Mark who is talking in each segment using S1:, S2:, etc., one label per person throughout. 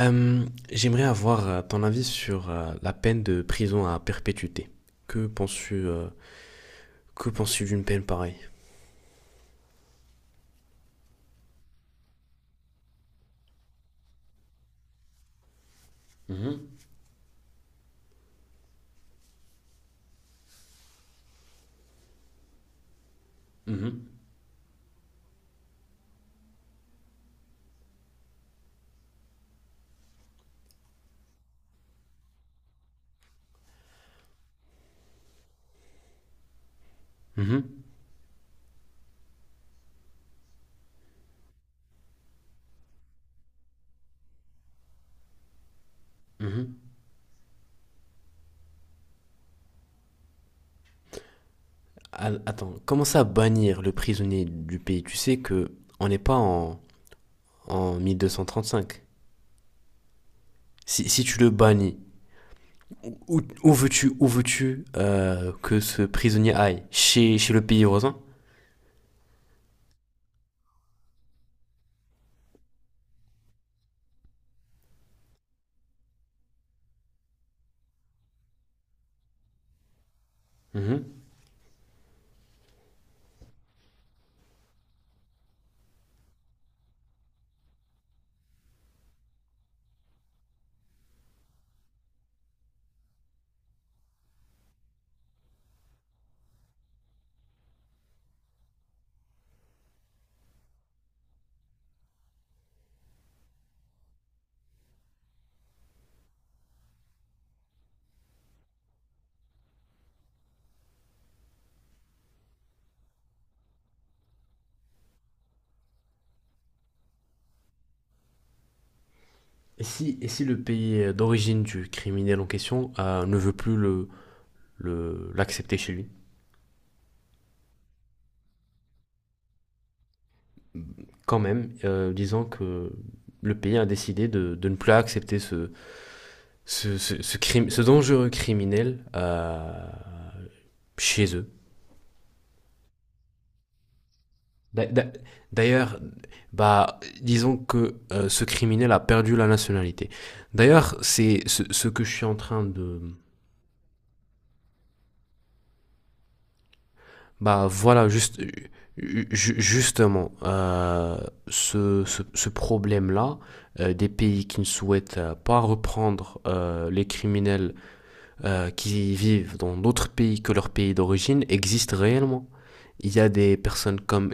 S1: Euh, j'aimerais avoir ton avis sur la peine de prison à perpétuité. Que penses-tu euh, que penses-tu d'une peine pareille? Mhm, mhm, mhm, mhm. Attends, commencer à bannir le prisonnier du pays. Tu sais que on n'est pas en 1235. Si tu le bannis, où veux-tu que ce prisonnier aille? Chez le pays voisin? Mhm. Et si le pays d'origine du criminel en question ne veut plus l'accepter chez lui, quand même, disant que le pays a décidé de ne plus accepter ce crime, ce dangereux criminel chez eux. D'ailleurs, bah, disons que ce criminel a perdu la nationalité. D'ailleurs, c'est que je suis en train de, Bah voilà, juste, justement, ce problème-là, des pays qui ne souhaitent pas reprendre les criminels qui vivent dans d'autres pays que leur pays d'origine, existe réellement. Il y a des personnes comme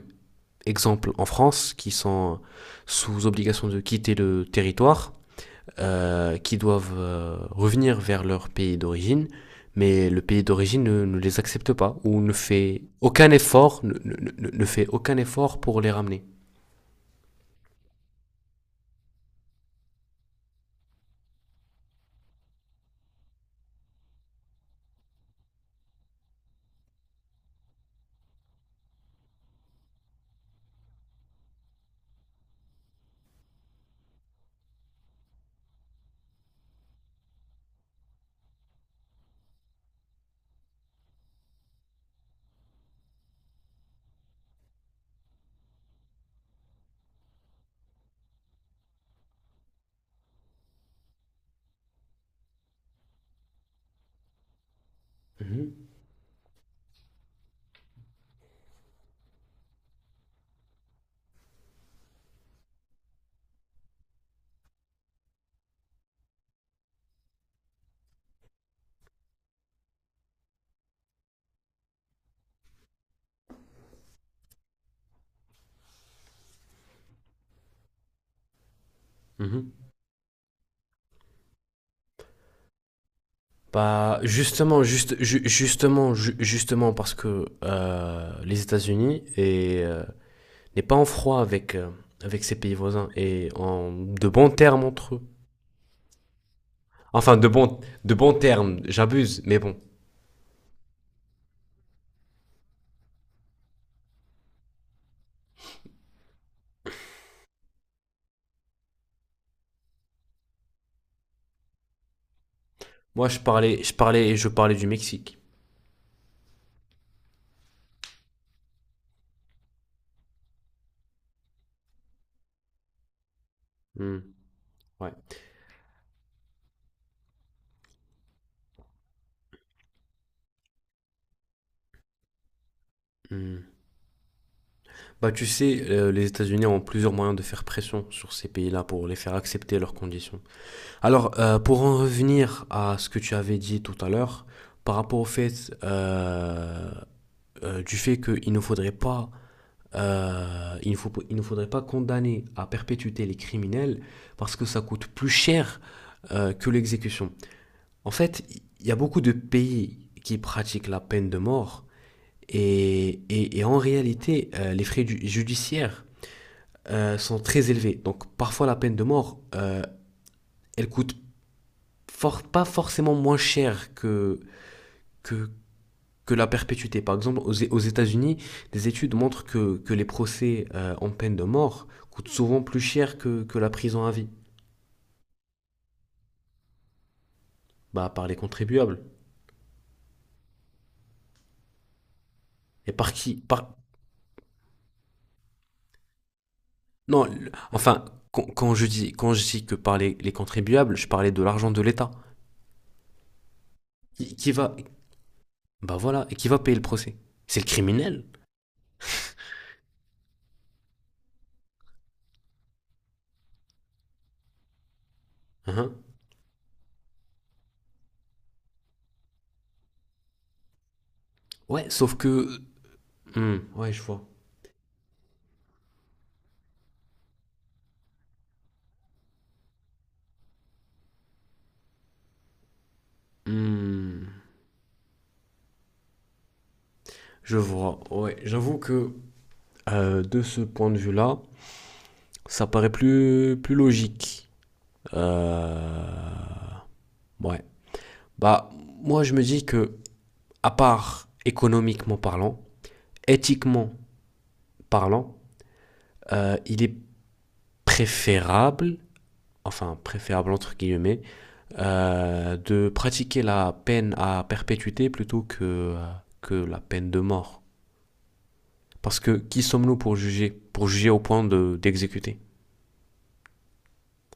S1: exemple en France qui sont sous obligation de quitter le territoire qui doivent revenir vers leur pays d'origine, mais le pays d'origine ne les accepte pas ou ne fait aucun effort, fait aucun effort pour les ramener. Mmh. Mmh. Bah, justement, juste, justement, parce que les États-Unis est, n'est pas en froid avec, avec ses pays voisins et en de bons termes entre eux. Enfin, de bons termes, j'abuse, mais bon. Moi, je parlais du Mexique. Hmm, ouais. Hmm. Bah, tu sais, les États-Unis ont plusieurs moyens de faire pression sur ces pays-là pour les faire accepter leurs conditions. Alors, pour en revenir à ce que tu avais dit tout à l'heure, par rapport au fait du fait qu'il ne faudrait pas il ne faudrait pas condamner à perpétuité les criminels parce que ça coûte plus cher que l'exécution. En fait, il y a beaucoup de pays qui pratiquent la peine de mort et en réalité, les frais judiciaires sont très élevés. Donc parfois la peine de mort, elle coûte fort, pas forcément moins cher que, que la perpétuité. Par exemple, aux États-Unis, des études montrent que les procès en peine de mort coûtent souvent plus cher que la prison à vie. Bah, par les contribuables. Et par qui par... Non, enfin, quand je dis que par les contribuables, je parlais de l'argent de l'État. Qui, qui va, Bah voilà, et qui va payer le procès. C'est le criminel. Hein. Ouais, sauf que... Hmm, ouais, je vois. Hmm, je vois. Ouais, j'avoue que de ce point de vue-là, ça paraît plus, plus logique. Euh, Ouais. Bah, moi, je me dis que, à part économiquement parlant, éthiquement parlant, il est préférable, enfin préférable entre guillemets, de pratiquer la peine à perpétuité plutôt euh, que la peine de mort. Parce que qui sommes-nous pour juger. Pour juger au point d'exécuter.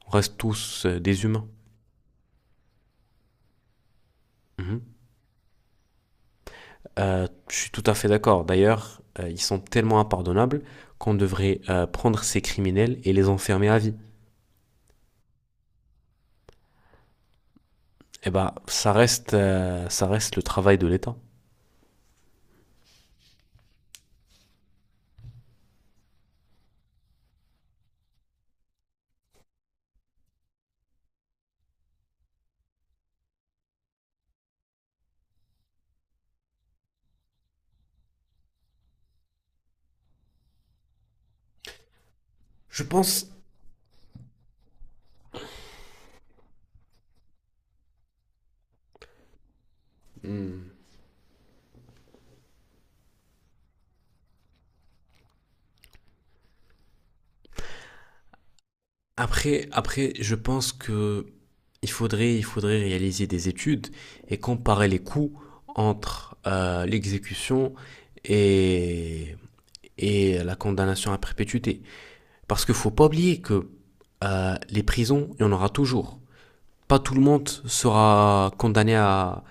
S1: On reste tous des humains. Mhm. Je suis tout à fait d'accord. D'ailleurs, ils sont tellement impardonnables qu'on devrait prendre ces criminels et les enfermer à vie. Eh ben, ça reste le travail de l'État. Je pense. Hmm. Après, après, je pense que il faudrait réaliser des études et comparer les coûts entre l'exécution et, et la condamnation à perpétuité. Parce qu'il ne faut pas oublier que les prisons, il y en aura toujours. Pas tout le monde sera condamné à,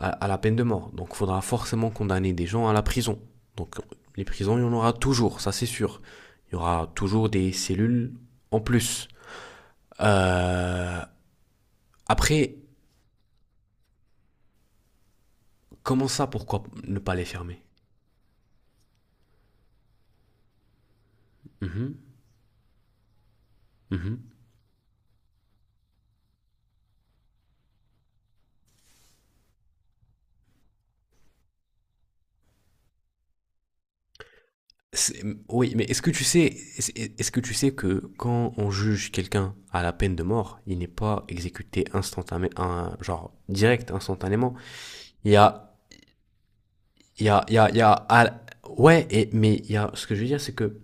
S1: à, à la peine de mort. Donc, il faudra forcément condamner des gens à la prison. Donc, les prisons, il y en aura toujours, ça c'est sûr. Il y aura toujours des cellules en plus. Euh, après, comment ça, pourquoi ne pas les fermer? Mhm, mhm. C'est- Oui, mais est-ce que tu sais, est-ce que tu sais que quand on juge quelqu'un à la peine de mort, il n'est pas exécuté instantanément, genre direct, instantanément. Il y a, il y a, il y a, il y a, ouais, et, mais il y a, ce que je veux dire, c'est que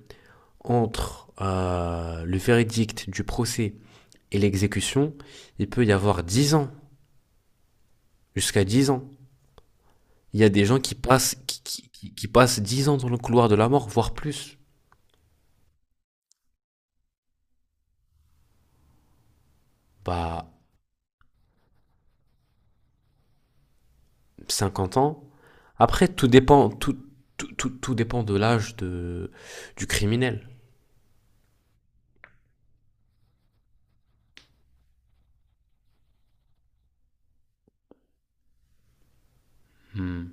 S1: entre le verdict du procès et l'exécution, il peut y avoir 10 ans, jusqu'à 10 ans. Il y a des gens qui passent, qui passent 10 ans dans le couloir de la mort, voire plus, bah 50 ans. Après, tout dépend, tout dépend de l'âge de, du criminel. Hmm.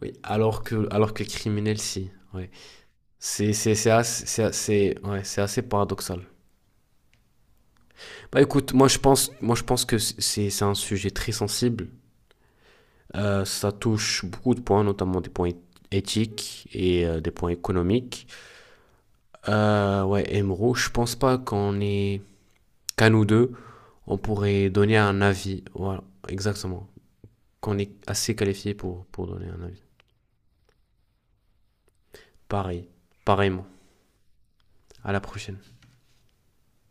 S1: Oui, alors que criminel, si. Ouais. C'est assez, ouais, c'est assez paradoxal. Bah écoute, moi, je pense que c'est un sujet très sensible. Ça touche beaucoup de points, notamment des points éthiques et des points économiques. Ouais, Emro, je pense pas qu'on est qu'à nous deux, on pourrait donner un avis. Voilà, exactement. Qu'on est assez qualifié pour donner un avis. Pareil, pareillement. À la prochaine.